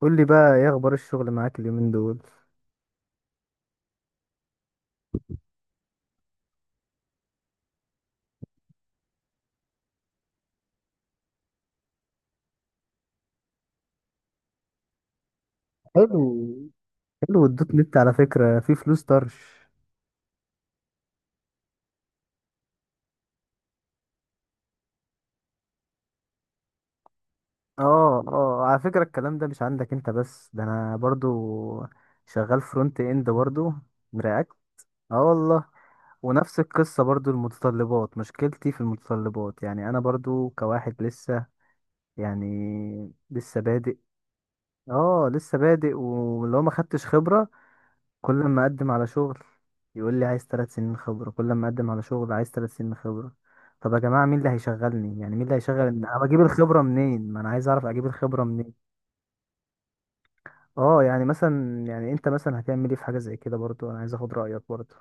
قول لي بقى، ايه اخبار الشغل معاك اليومين دول؟ حلو. حلو الدوت نت على فكرة، في فلوس طرش. اه، اه، على فكرة الكلام ده مش عندك انت بس، ده انا برضو شغال فرونت اند برضو، رياكت. اه، والله. ونفس القصة برضو، المتطلبات، مشكلتي في المتطلبات، يعني انا برضو كواحد لسه، يعني لسه بادئ. اه، لسه بادئ واللي هو ما خدتش خبرة. كل ما اقدم على شغل يقول لي عايز 3 سنين خبرة، كل ما اقدم على شغل عايز 3 سنين خبرة. طب يا جماعة، مين اللي هيشغلني؟ يعني مين اللي هيشغل؟ انا بجيب الخبرة منين؟ ما انا عايز اعرف اجيب الخبرة منين. اه، يعني مثلا، يعني انت مثلا هتعمل ايه في حاجة زي كده؟ برضو انا عايز اخد رأيك برضو.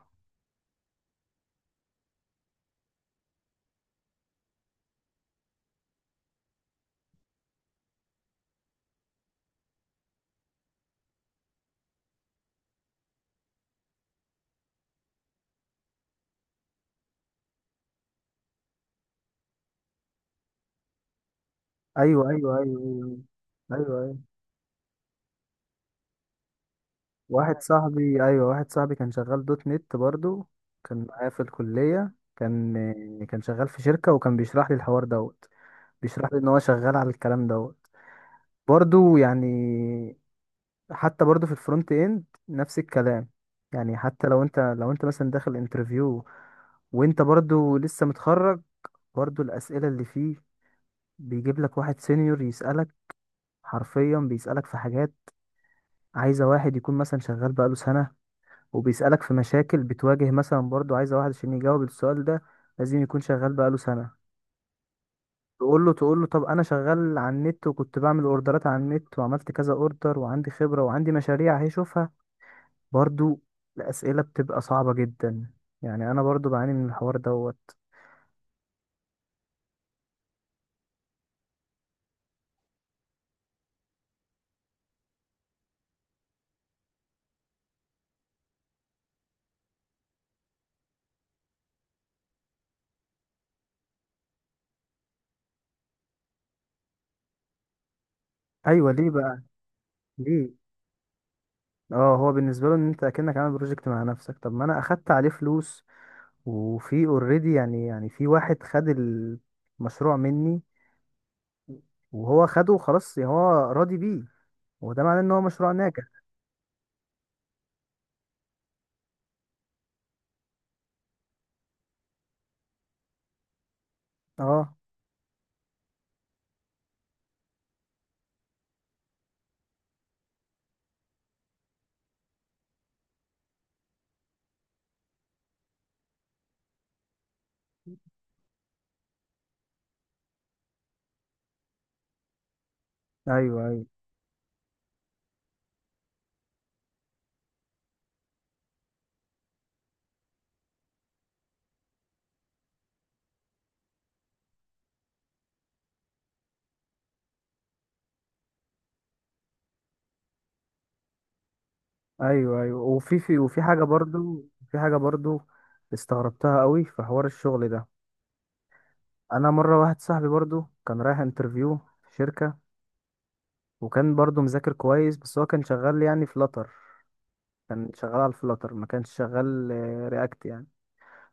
ايوه، ايوه، ايوه، ايوه، ايوه، ايوه. واحد صاحبي، ايوه، واحد صاحبي كان شغال دوت نت برضو. كان معايا في الكلية، كان شغال في شركة، وكان بيشرح لي الحوار دوت. بيشرح لي ان هو شغال على الكلام دوت برضو يعني. حتى برضه في الفرونت اند نفس الكلام. يعني حتى لو انت مثلا داخل انترفيو، وانت برضه لسه متخرج، برضه الاسئله اللي فيه، بيجيب لك واحد سينيور يسالك، حرفيا بيسالك في حاجات، عايزه واحد يكون مثلا شغال بقاله سنه، وبيسالك في مشاكل بتواجه مثلا، برضه عايزه واحد عشان يجاوب السؤال ده لازم يكون شغال بقاله سنه. تقول له طب انا شغال على النت وكنت بعمل اوردرات على النت وعملت كذا اوردر، وعندي خبره وعندي مشاريع هيشوفها برضو. الأسئلة بتبقى صعبة جدا، يعني أنا برضو بعاني من الحوار دوت. أيوة، ليه بقى؟ ليه؟ اه، هو بالنسبة له إن أنت أكنك عامل بروجكت مع نفسك، طب ما أنا أخدت عليه فلوس، وفي اوريدي يعني في واحد خد المشروع مني، وهو خده وخلاص، يعني هو راضي بيه، وده معناه إن هو مشروع ناجح. اه. أيوة، أيوة، أيوة، أيوة. وفي حاجة برضو، في حاجة برضو، استغربتها قوي في حوار الشغل ده. انا مره، واحد صاحبي برضو كان رايح انترفيو في شركه، وكان برضو مذاكر كويس، بس هو كان شغال يعني فلاتر. كان شغال على الفلاتر، ما كانش شغال رياكت يعني.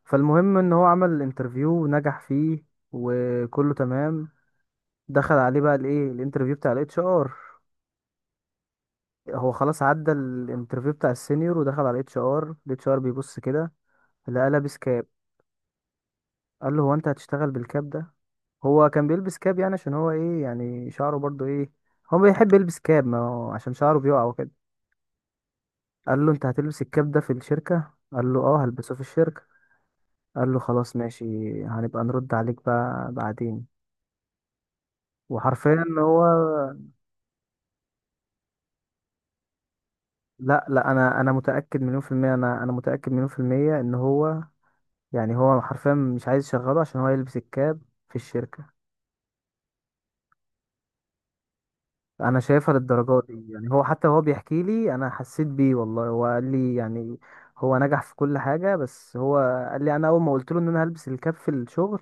فالمهم ان هو عمل الانترفيو ونجح فيه، وكله تمام. دخل عليه بقى، الايه، الانترفيو بتاع الاتش ار. هو خلاص عدى الانترفيو بتاع السينيور ودخل على الاتش ار. الاتش ار بيبص كده، لقى لابس كاب. قال له: هو انت هتشتغل بالكاب ده؟ هو كان بيلبس كاب يعني عشان هو ايه يعني شعره برضو ايه، هو بيحب يلبس كاب، ما هو عشان شعره بيقع وكده. قال له: انت هتلبس الكاب ده في الشركة؟ قال له: اه، هلبسه في الشركة. قال له: خلاص، ماشي، هنبقى نرد عليك بقى بعدين. وحرفيا هو، لا، لا، انا متاكد مليون في الميه، انا متاكد مليون في الميه ان هو، يعني هو حرفيا مش عايز يشغله عشان هو يلبس الكاب في الشركه. انا شايفها للدرجه دي، يعني هو، حتى هو بيحكي لي، انا حسيت بيه والله، هو قال لي يعني. هو نجح في كل حاجه، بس هو قال لي انا اول ما قلت له ان انا هلبس الكاب في الشغل،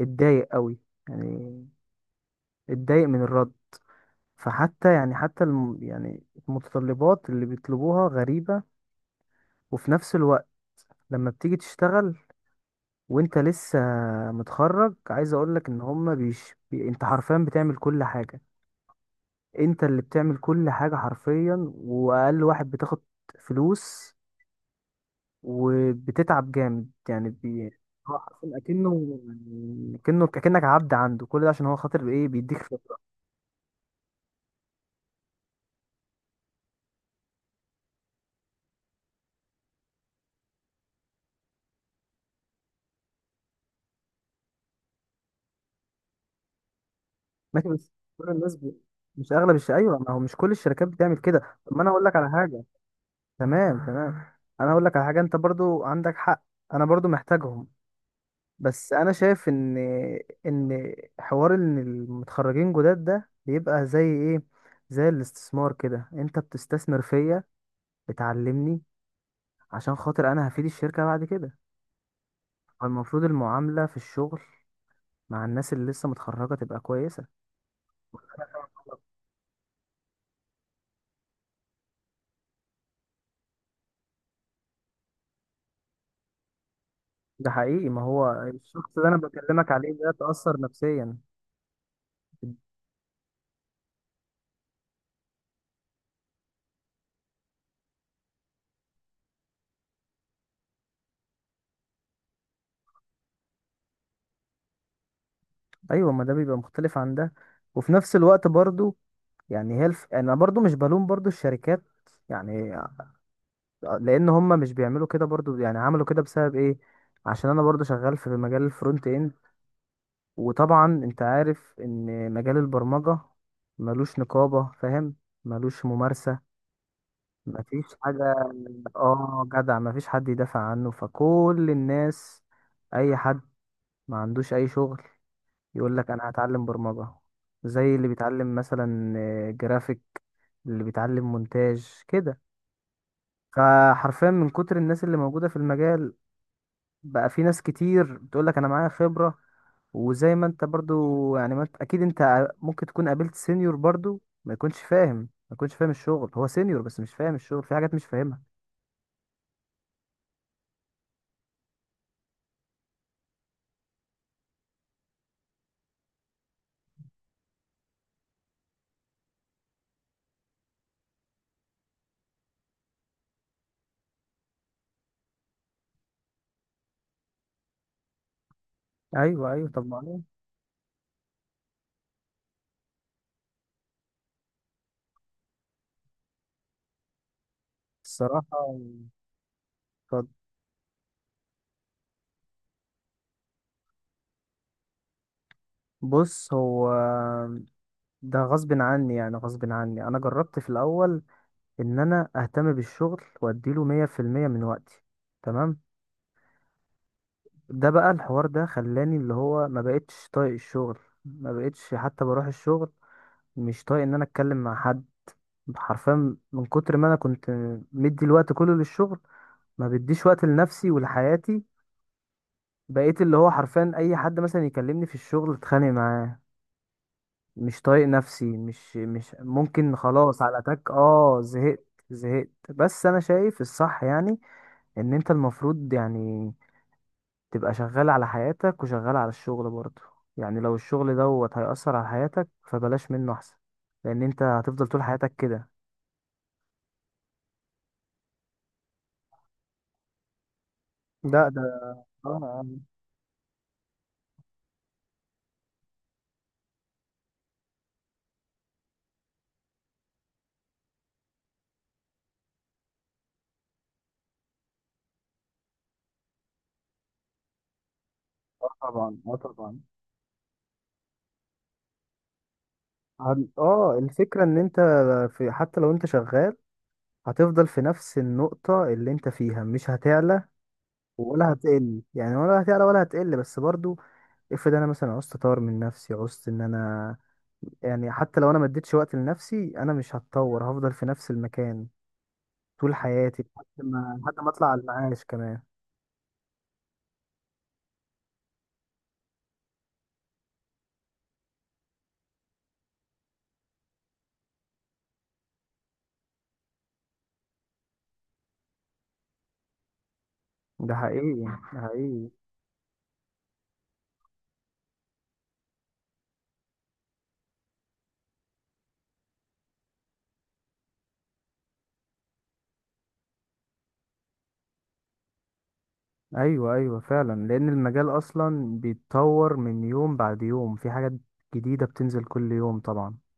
اتضايق قوي، يعني اتضايق من الرد. فحتى يعني، حتى الم يعني المتطلبات اللي بيطلبوها غريبه. وفي نفس الوقت، لما بتيجي تشتغل وانت لسه متخرج، عايز اقول لك ان هما بيش بي انت حرفيا بتعمل كل حاجه، انت اللي بتعمل كل حاجة حرفيا، واقل واحد بتاخد فلوس، وبتتعب جامد يعني هو حرفيا اكنه، اكنك عبد عنده كل ده عشان هو خاطر بايه بيديك خبرة. ماشي، بس كل الناس. بي... مش اغلب الش... ايوه ما هو مش كل الشركات بتعمل كده، طب ما انا اقول لك على حاجة. تمام، تمام. انا اقول لك على حاجة، انت برضو عندك حق، انا برضو محتاجهم. بس انا شايف ان حوار ان المتخرجين جداد ده بيبقى زي ايه، زي الاستثمار كده، انت بتستثمر فيا، بتعلمني عشان خاطر انا هفيد الشركة بعد كده. المفروض المعاملة في الشغل مع الناس اللي لسه متخرجة تبقى كويسة. ده حقيقي، ما هو الشخص اللي انا بكلمك عليه ده تأثر نفسيا. ايوه، ما ده بيبقى مختلف عن ده. وفي نفس الوقت برضو، يعني انا برضو مش بلوم برضو الشركات، يعني لان هم مش بيعملوا كده برضو، يعني عملوا كده بسبب ايه؟ عشان انا برضو شغال في مجال الفرونت اند، وطبعا انت عارف ان مجال البرمجة ملوش نقابة، فاهم؟ ملوش ممارسة، مفيش حاجة. اه، جدع، مفيش حد يدافع عنه، فكل الناس، اي حد ما عندوش اي شغل يقول لك انا هتعلم برمجة، زي اللي بيتعلم مثلا جرافيك، اللي بيتعلم مونتاج كده. فحرفيا من كتر الناس اللي موجودة في المجال، بقى في ناس كتير بتقول لك انا معايا خبرة. وزي ما انت برضو يعني، ما انت اكيد انت ممكن تكون قابلت سينيور برضو ما يكونش فاهم، ما يكونش فاهم الشغل، هو سينيور بس مش فاهم الشغل، في حاجات مش فاهمها. ايوه، ايوه، طب معلش. الصراحة، اتفضل. بص، هو ده غصب عني، يعني غصب عني انا جربت في الاول ان انا اهتم بالشغل واديله 100% من وقتي، تمام. ده بقى، الحوار ده خلاني اللي هو ما بقتش طايق الشغل، ما بقتش حتى بروح الشغل، مش طايق ان انا اتكلم مع حد. حرفيا من كتر ما انا كنت مدي الوقت كله للشغل، ما بديش وقت لنفسي ولحياتي. بقيت اللي هو حرفيا اي حد مثلا يكلمني في الشغل اتخانق معاه، مش طايق نفسي، مش ممكن، خلاص، على تك، اه، زهقت زهقت، بس انا شايف الصح يعني ان انت المفروض يعني تبقى شغال على حياتك وشغال على الشغل برضه. يعني لو الشغل دوت هيأثر على حياتك فبلاش منه احسن، لان انت هتفضل طول حياتك كده. لا، ده، اه، اه، آه طبعا، اه طبعا. الفكرة ان انت، في، حتى لو انت شغال، هتفضل في نفس النقطة اللي انت فيها، مش هتعلى ولا هتقل، يعني ولا هتعلى ولا هتقل، بس برضو افرض انا مثلا عوزت اطور من نفسي، عوزت ان انا، يعني حتى لو انا ما اديتش وقت لنفسي، انا مش هتطور، هفضل في نفس المكان طول حياتي لحد ما اطلع على المعاش كمان. ده حقيقي. ده حقيقي. ايوه، ايوه، فعلا، لان المجال اصلا بيتطور من يوم بعد يوم، في حاجات جديدة بتنزل كل يوم طبعا.